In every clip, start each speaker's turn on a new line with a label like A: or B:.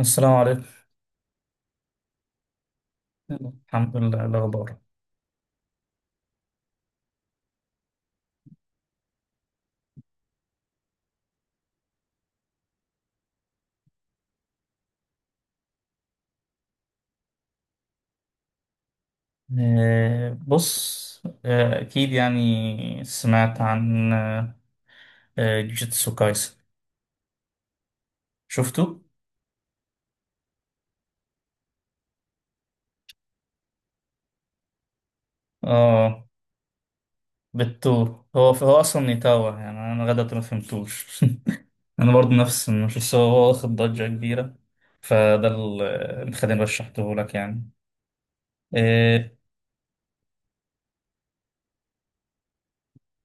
A: السلام عليكم. الحمد لله. إيه الأخبار؟ بص، أكيد يعني سمعت عن جوجيتسو كايسن. شفته؟ اه. بتو هو هو أصلا نيتاوا، يعني أنا لغاية دلوقتي ما فهمتوش. أنا برضه نفس، مش بس هو هو واخد ضجة كبيرة. فده ال- اللي خليني رشحته لك يعني. آه،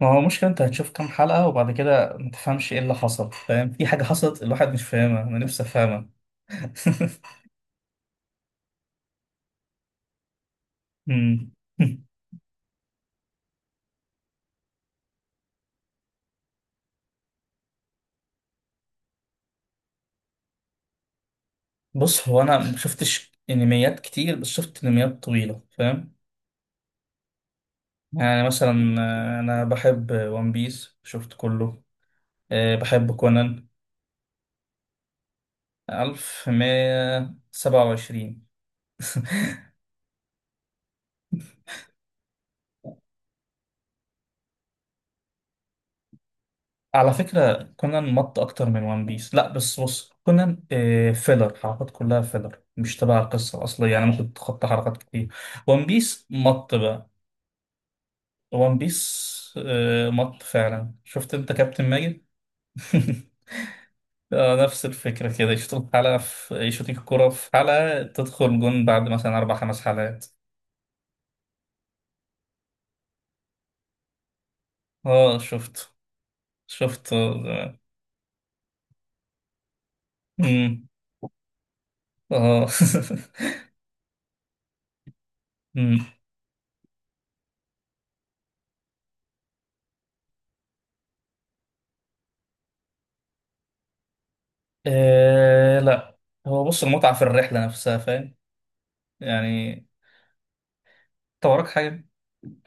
A: ما هو مشكلة أنت هتشوف كام حلقة وبعد كده ما تفهمش إيه اللي حصل، فاهم؟ في حاجة حصلت الواحد مش فاهمها، أنا نفسي أفهمها. مم. بص، هو انا ما شفتش انميات كتير، بس شفت انميات طويله، فاهم؟ يعني مثلا انا بحب ون بيس، شفت كله. بحب كونان. 1127. على فكره كونان مط اكتر من ون بيس. لا بس بص كونان فيلر، حلقات كلها فيلر مش تبع القصه الاصليه، يعني ممكن تتخطى حلقات كتير. ون بيس مط بقى. ون بيس مط فعلا. شفت انت كابتن ماجد؟ نفس الفكرة كده، يشوط الكرة في حلقة تدخل جون بعد مثلا أربع خمس حلقات. اه. شفت. شفت اه. مم. آه. مم. لا، هو بص المتعة في الرحلة نفسها، فاهم؟ يعني انت وراك حاجة؟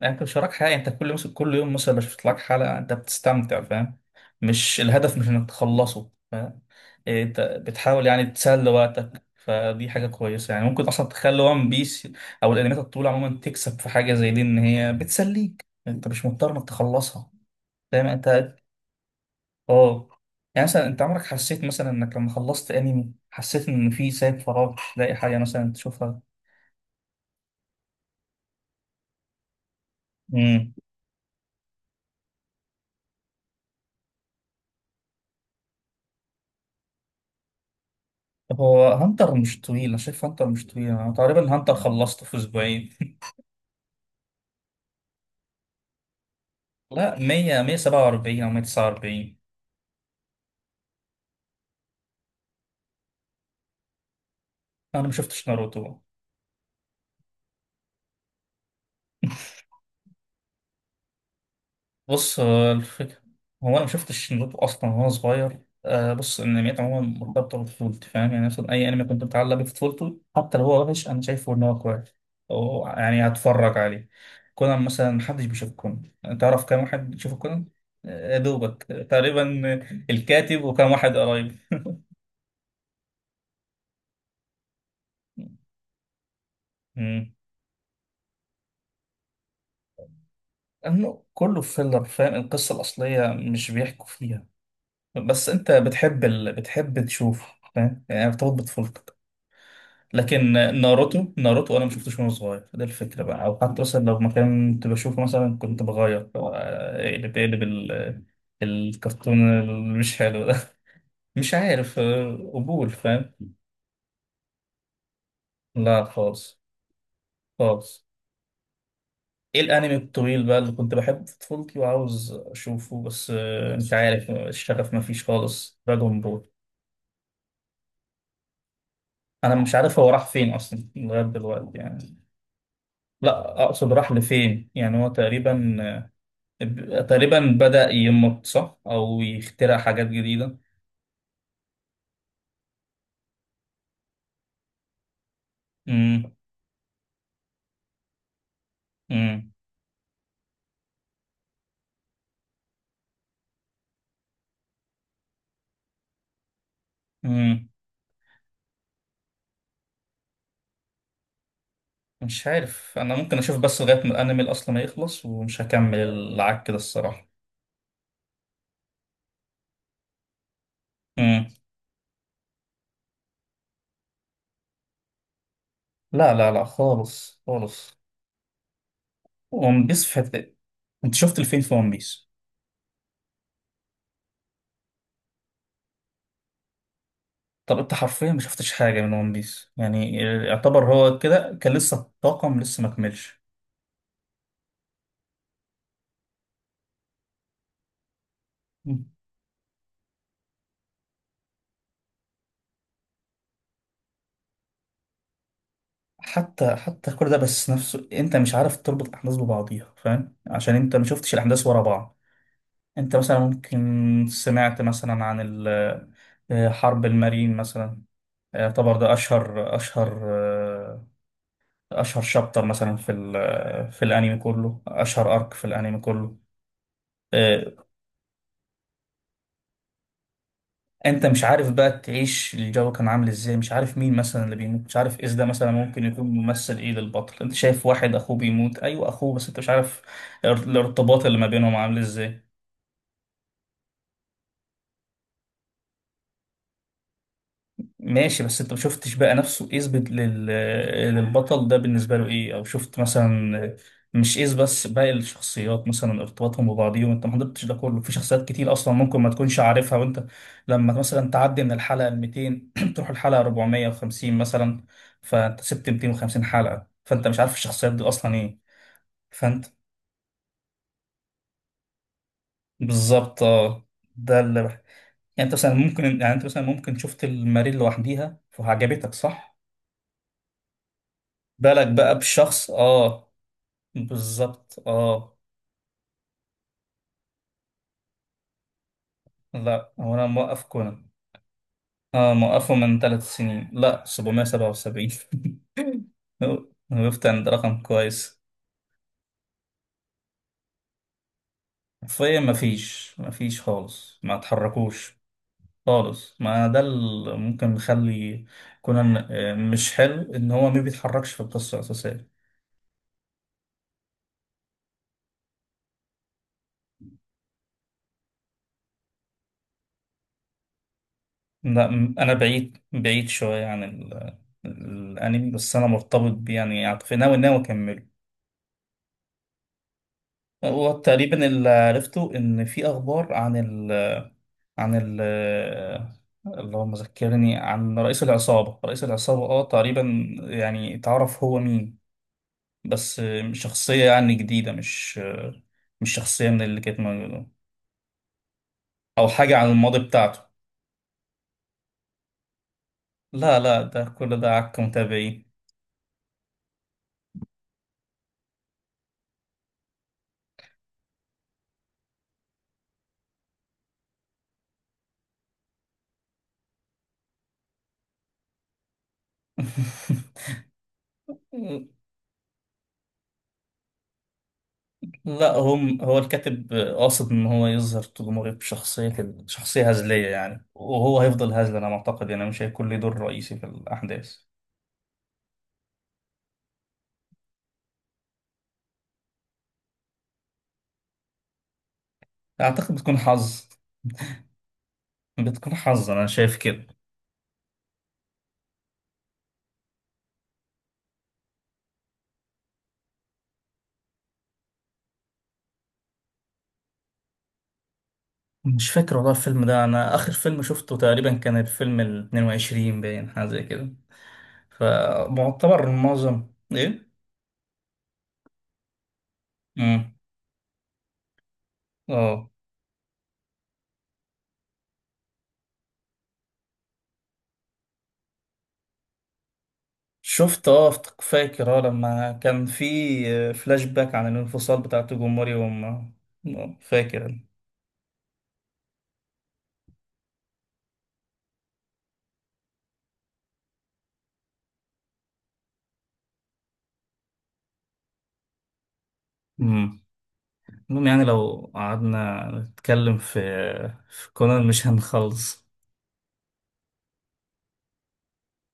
A: يعني انت مش وراك حاجه، انت كل مثلا كل يوم مثلا مش بتطلعك حلقه، انت بتستمتع، فاهم؟ مش الهدف، مش انك تخلصه، فاهم؟ إيه، انت بتحاول يعني تسلي وقتك، فدي حاجه كويسه، يعني ممكن اصلا تخلي وان بيس او الانميات الطويله عموما تكسب في حاجه زي دي، ان هي بتسليك، انت مش مضطر انك تخلصها. فاهم انت؟ اه. يعني مثلا انت عمرك حسيت مثلا انك لما خلصت انمي حسيت ان في سايب فراغ، مش لاقي حاجه مثلا تشوفها؟ هو هانتر مش طويل، انا شايف هانتر مش طويل، انا تقريبا هانتر خلصته في اسبوعين. لا، 100، 147 او 149. انا ما شفتش ناروتو. بص الفكرة، هو انا ما شفتش ناروتو اصلا وهو صغير. بص الانميات عموما مرتبطه بطفولتي، فاهم؟ يعني مثلا اي انمي كنت متعلق بيه في طفولته حتى لو هو وحش انا شايفه ان هو كويس، أو يعني هتفرج عليه. كونان مثلا محدش بيشوف كونان. تعرف كام واحد بيشوف كونان؟ دوبك تقريبا، الكاتب وكام واحد قريب. لأنه كله فيلر، فاهم؟ القصة الأصلية مش بيحكوا فيها. بس أنت بتحب تشوف، فاهم؟ يعني بتربط بطفولتك. لكن ناروتو ناروتو أنا ما شفتوش وأنا صغير، ده الفكرة بقى. أو حتى مثلا لو ما كنت بشوفه مثلا كنت بغير، اقلب الكرتون اللي مش حلو ده. مش عارف قبول، فاهم؟ لا خالص خالص. ايه الانمي الطويل بقى اللي كنت بحبه في طفولتي وعاوز اشوفه، بس انت عارف الشغف ما فيش خالص. دراجون بول. انا مش عارف هو راح فين اصلا لغايه دلوقتي يعني. لا، اقصد راح لفين يعني، هو تقريبا بدأ يمط صح، او يخترع حاجات جديده. امم. امم. امم. مش عارف، انا ممكن اشوف بس لغايه ما الانمي اصلا ما يخلص، ومش هكمل العك ده الصراحه. امم. لا لا لا خالص خالص. ون بيس في حته، انت شفت الفين في ون بيس؟ طب انت حرفيا ما شفتش حاجه من ون بيس، يعني يعتبر هو كده كان لسه الطاقم لسه ما كملش. حتى كل ده بس نفسه انت مش عارف تربط الاحداث ببعضيها، فاهم؟ عشان انت ما شفتش الاحداث ورا بعض. انت مثلا ممكن سمعت مثلا عن حرب المارين مثلا. يعتبر ده اشهر شابتر مثلا في الانمي كله، اشهر ارك في الانمي كله. آه، انت مش عارف بقى تعيش الجو كان عامل ازاي، مش عارف مين مثلا اللي بيموت، مش عارف اذا ده مثلا ممكن يكون ممثل ايه للبطل، انت شايف واحد اخوه بيموت، ايوه اخوه بس انت مش عارف الارتباط اللي ما بينهم عامل ازاي. ماشي، بس انت ما شفتش بقى نفسه اثبت للبطل ده بالنسبه له ايه، او شفت مثلا مش ايز بس باقي الشخصيات مثلا ارتباطهم ببعضيهم، انت ما حضرتش ده كله. في شخصيات كتير اصلا ممكن ما تكونش عارفها، وانت لما مثلا تعدي من الحلقه 200 تروح الحلقه 450 مثلا، فانت سبت 250 حلقه، فانت مش عارف الشخصيات دي اصلا ايه. فانت بالظبط اه. ده يعني انت مثلا ممكن شفت الماريل لوحديها فعجبتك، صح؟ بالك بقى بشخص اه، بالظبط اه. لا هو انا موقف كونان، اه موقفه من ثلاث سنين، لا 777. وقفت عند رقم كويس. حرفيا مفيش خالص، ما اتحركوش خالص. ما ده اللي ممكن يخلي كونان مش حلو ان هو ما بيتحركش في القصة الأساسية. لا انا بعيد بعيد شوية عن الانمي، بس انا مرتبط بيه يعني عاطفيا، ناوي ناوي اكمله. هو تقريبا اللي عرفته ان في اخبار عن اللهم ذكرني، عن رئيس العصابة، رئيس العصابة اه تقريبا. يعني تعرف هو مين، بس مش شخصية يعني جديدة، مش شخصية من اللي كانت موجودة، أو حاجة عن الماضي بتاعته. لا لا، ده كل ده عك متابعين. لا هم هو الكاتب قاصد ان هو يظهر جمهورية بشخصية، شخصية هزلية يعني، وهو هيفضل هزل انا معتقد، يعني مش هيكون له دور رئيسي في الاحداث. اعتقد بتكون حظ، بتكون حظ، انا شايف كده. مش فاكر والله الفيلم ده، انا اخر فيلم شفته تقريبا كان الفيلم ال 22، باين حاجه زي كده. فمعتبر معظم ايه. امم. اه شفت، اه فاكر، اه لما كان في فلاش باك عن الانفصال بتاع توجوموري وما فاكر أنا. امم. المهم يعني لو قعدنا نتكلم في كونان مش هنخلص.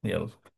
A: يلا